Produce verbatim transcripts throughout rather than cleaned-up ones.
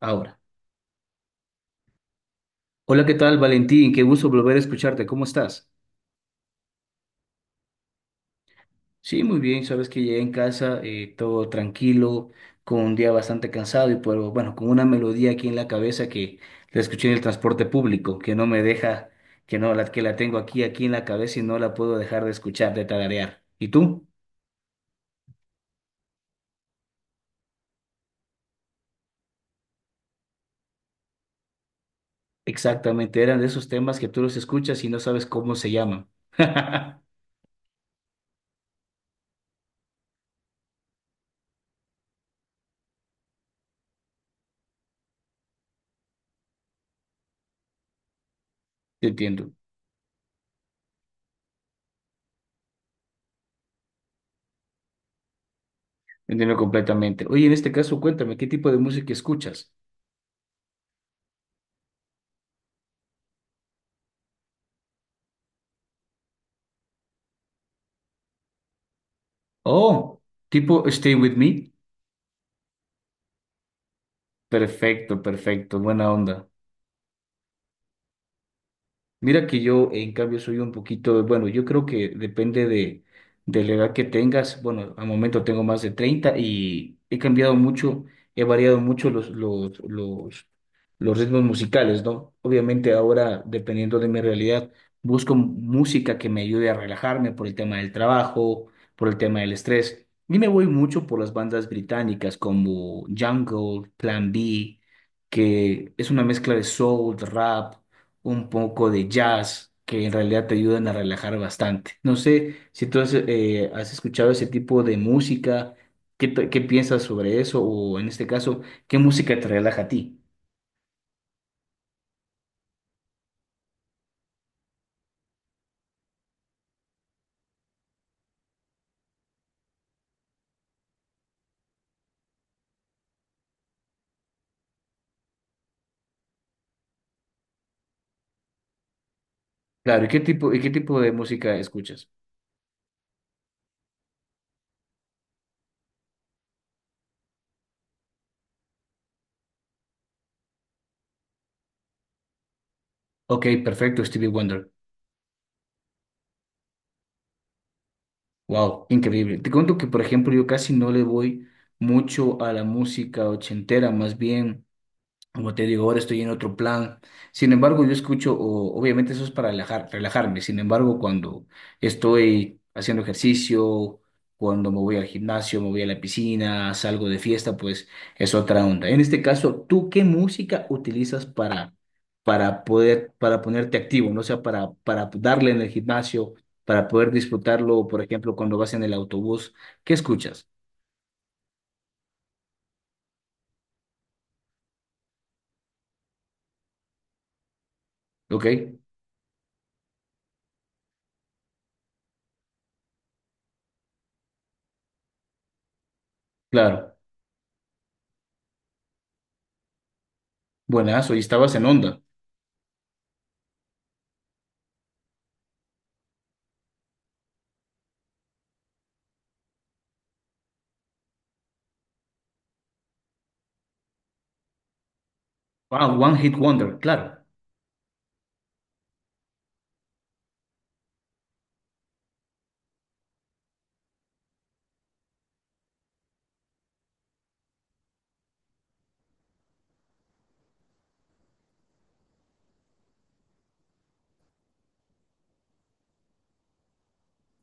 Ahora. Hola, ¿qué tal, Valentín? Qué gusto volver a escucharte. ¿Cómo estás? Sí, muy bien. Sabes que llegué en casa, eh, todo tranquilo, con un día bastante cansado y pero bueno, con una melodía aquí en la cabeza que la escuché en el transporte público, que no me deja, que no, la, que la tengo aquí, aquí en la cabeza y no la puedo dejar de escuchar, de tararear. ¿Y tú? Exactamente, eran de esos temas que tú los escuchas y no sabes cómo se llaman. Te entiendo, te entiendo completamente. Oye, en este caso, cuéntame, ¿qué tipo de música escuchas? Oh, tipo Stay With Me. Perfecto, perfecto, buena onda. Mira que yo, en cambio, soy un poquito, bueno, yo creo que depende de, de la edad que tengas. Bueno, al momento tengo más de treinta y he cambiado mucho, he variado mucho los, los, los, los ritmos musicales, ¿no? Obviamente ahora, dependiendo de mi realidad, busco música que me ayude a relajarme por el tema del trabajo, por el tema del estrés. Y me voy mucho por las bandas británicas como Jungle, Plan B, que es una mezcla de soul, de rap un poco de jazz, que en realidad te ayudan a relajar bastante. No sé si tú has, eh, has escuchado ese tipo de música, ¿qué, te- qué piensas sobre eso? O en este caso, ¿qué música te relaja a ti? Claro, ¿y qué tipo, y qué tipo de música escuchas? Ok, perfecto, Stevie Wonder. Wow, increíble. Te cuento que, por ejemplo, yo casi no le voy mucho a la música ochentera, más bien. Como te digo, ahora estoy en otro plan. Sin embargo, yo escucho, o- obviamente eso es para relajar, relajarme. Sin embargo, cuando estoy haciendo ejercicio, cuando me voy al gimnasio, me voy a la piscina, salgo de fiesta, pues es otra onda. En este caso, ¿tú qué música utilizas para, para poder, para ponerte activo, ¿no? O sea, para, para darle en el gimnasio, para poder disfrutarlo, por ejemplo, cuando vas en el autobús, ¿qué escuchas? ¿Ok? Claro. Buenas, hoy estabas en onda. Wow, One Hit Wonder, claro.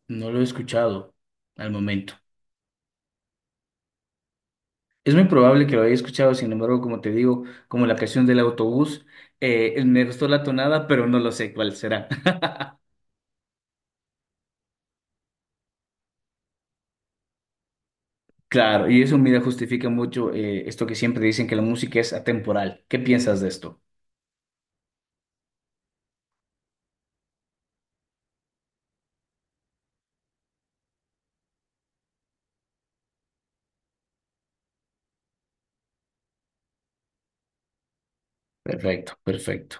No lo he escuchado al momento. Es muy probable que lo haya escuchado, sin embargo, como te digo, como la canción del autobús, eh, me gustó la tonada, pero no lo sé cuál será. Claro, y eso, mira, justifica mucho eh, esto que siempre dicen que la música es atemporal. ¿Qué piensas de esto? Perfecto, perfecto.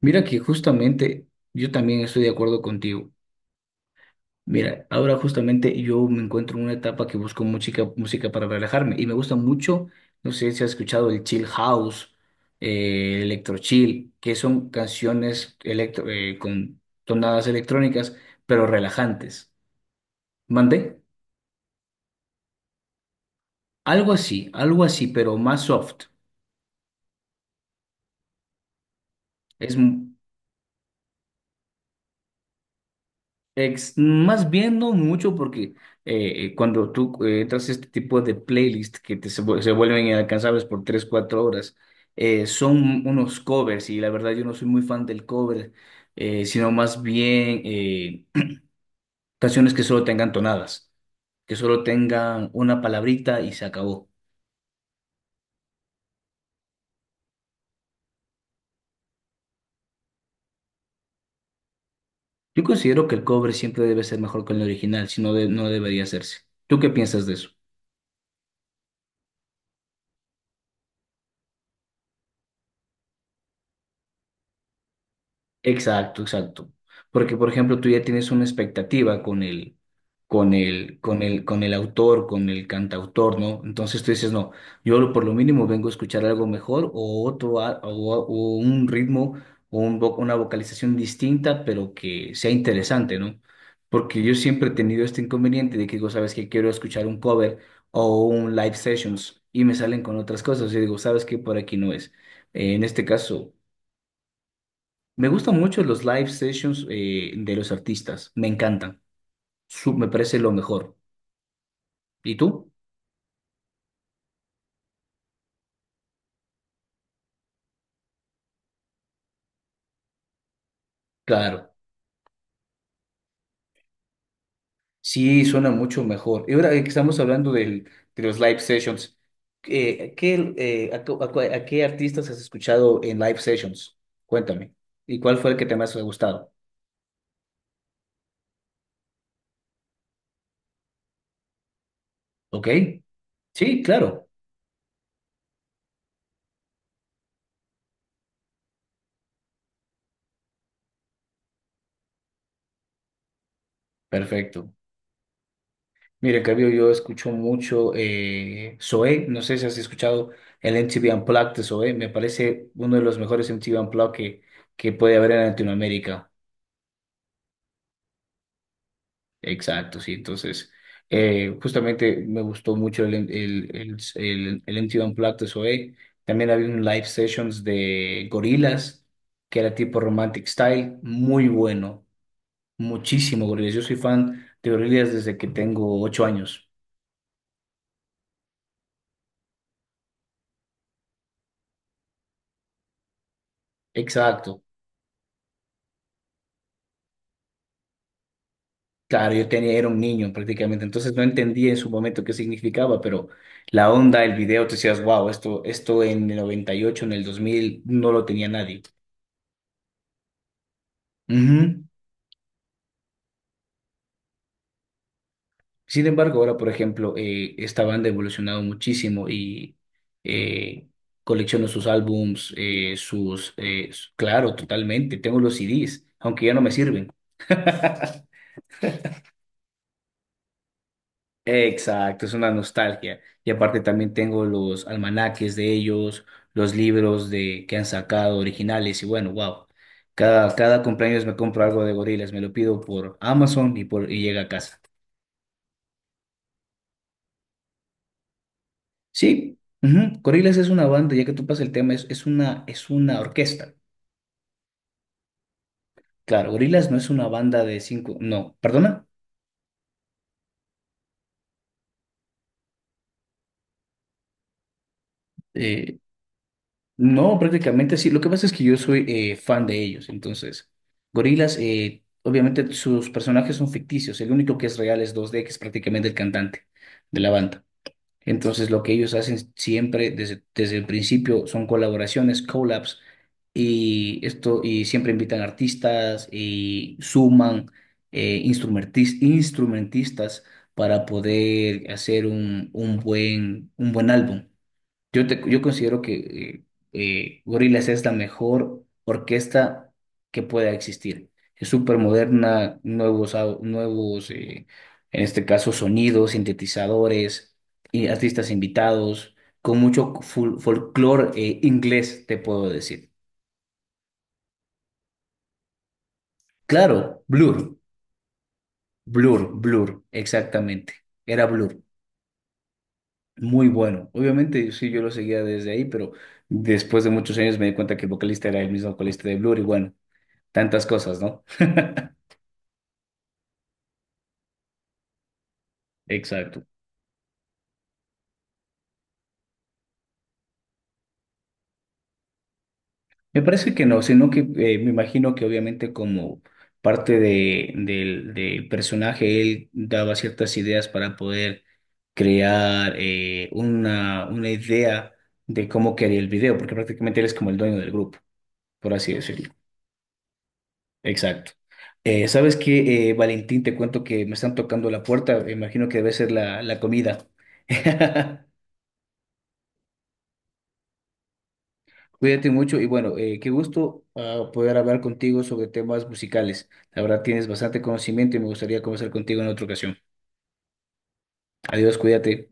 Mira que justamente yo también estoy de acuerdo contigo. Mira, ahora justamente yo me encuentro en una etapa que busco música, música para relajarme y me gusta mucho, no sé si has escuchado el chill house, eh, electro chill, que son canciones electro, eh, con tonadas electrónicas, pero relajantes. ¿Mandé? Algo así, algo así, pero más soft. Es, Ex- más bien no mucho porque eh, eh, cuando tú eh, entras a este tipo de playlist que te, se, vu- se vuelven inalcanzables por tres cuatro horas, eh, son unos covers y la verdad yo no soy muy fan del cover, eh, sino más bien eh, canciones que solo tengan tonadas, que solo tengan una palabrita y se acabó. Yo considero que el cover siempre debe ser mejor que el original, si no, de- no debería hacerse. ¿Tú qué piensas de eso? Exacto, exacto. Porque, por ejemplo, tú ya tienes una expectativa con el, con el, con el, con el autor, con el cantautor, ¿no? Entonces tú dices, no, yo lo- por lo mínimo vengo a escuchar algo mejor o otro, a- o, o un ritmo o un vo- una vocalización distinta, pero que sea interesante, ¿no? Porque yo siempre he tenido este inconveniente de que digo, sabes que quiero escuchar un cover o un live sessions y me salen con otras cosas y digo, sabes que por aquí no es. Eh, en este caso. Me gustan mucho los live sessions eh, de los artistas, me encantan, Su- me parece lo mejor. ¿Y tú? Claro, sí, suena mucho mejor. Y ahora eh, que estamos hablando del- de los live sessions, eh, ¿qué, eh, a, cu- a cu- a qué artistas has escuchado en live sessions? Cuéntame. ¿Y cuál fue el que te más ha gustado? ¿Ok? Sí, claro. Perfecto. Mire, en cambio, yo escucho mucho eh, Zoé, no sé si has escuchado el M T V Unplugged de Zoé, me parece uno de los mejores M T V Unplugged que, que puede haber en Latinoamérica. Exacto, sí, entonces, eh, justamente me gustó mucho el, el, el, el, el M T V Unplugged de Zoé. También había un live sessions de Gorillaz, que era tipo Romantic Style, muy bueno, muchísimo Gorillaz. Yo soy fan de Gorillaz desde que tengo ocho años. Exacto. Claro, yo tenía, era un niño prácticamente, entonces no entendía en su momento qué significaba, pero la onda, el video, te decías, wow, esto, esto en el noventa y ocho, en el dos mil, no lo tenía nadie. Ujú. Sin embargo, ahora, por ejemplo, eh, esta banda ha evolucionado muchísimo y eh, colecciono sus álbums, eh, sus, eh, s- claro, totalmente, tengo los C Ds, aunque ya no me sirven. Exacto, es una nostalgia. Y aparte también tengo los almanaques de ellos, los libros de que han sacado originales y bueno, wow. Cada, cada cumpleaños me compro algo de Gorillaz, me lo pido por Amazon y, por, y llega a casa. Sí, ujú, Gorillaz es una banda, ya que tú pasas el tema, es, es una, es una orquesta. Claro, Gorillaz no es una banda de cinco, no, perdona. No, prácticamente sí. Lo que pasa es que yo soy eh, fan de ellos. Entonces, Gorilas, eh, obviamente sus personajes son ficticios. El único que es real es dos d que es prácticamente el cantante de la banda. Entonces, lo que ellos hacen siempre desde, desde el principio son colaboraciones, collabs, y esto, y siempre invitan artistas y suman eh, instrumentis- instrumentistas para poder hacer un, un buen, un buen álbum. Yo, te- yo considero que eh, eh, Gorillaz es la mejor orquesta que pueda existir. Es súper moderna, nuevos, au- nuevos eh, en este caso, sonidos, sintetizadores, y artistas invitados, con mucho fol- folclore eh, inglés, te puedo decir. Claro, Blur, Blur, Blur, exactamente. Era Blur. Muy bueno. Obviamente, sí, yo lo seguía desde ahí, pero después de muchos años me di cuenta que el vocalista era el mismo vocalista de Blur y bueno, tantas cosas, ¿no? Exacto. Me parece que no, sino que eh, me imagino que obviamente como parte de, del, del personaje, él daba ciertas ideas para poder crear eh, una, una idea de cómo quería el video, porque prácticamente él es como el dueño del grupo, por así decirlo. Exacto. Eh, ¿sabes qué, eh, Valentín? Te cuento que me están tocando la puerta, me imagino que debe ser la, la comida. Cuídate mucho y bueno, eh, qué gusto ah, poder hablar contigo sobre temas musicales. La verdad tienes bastante conocimiento y me gustaría conversar contigo en otra ocasión. Adiós, cuídate.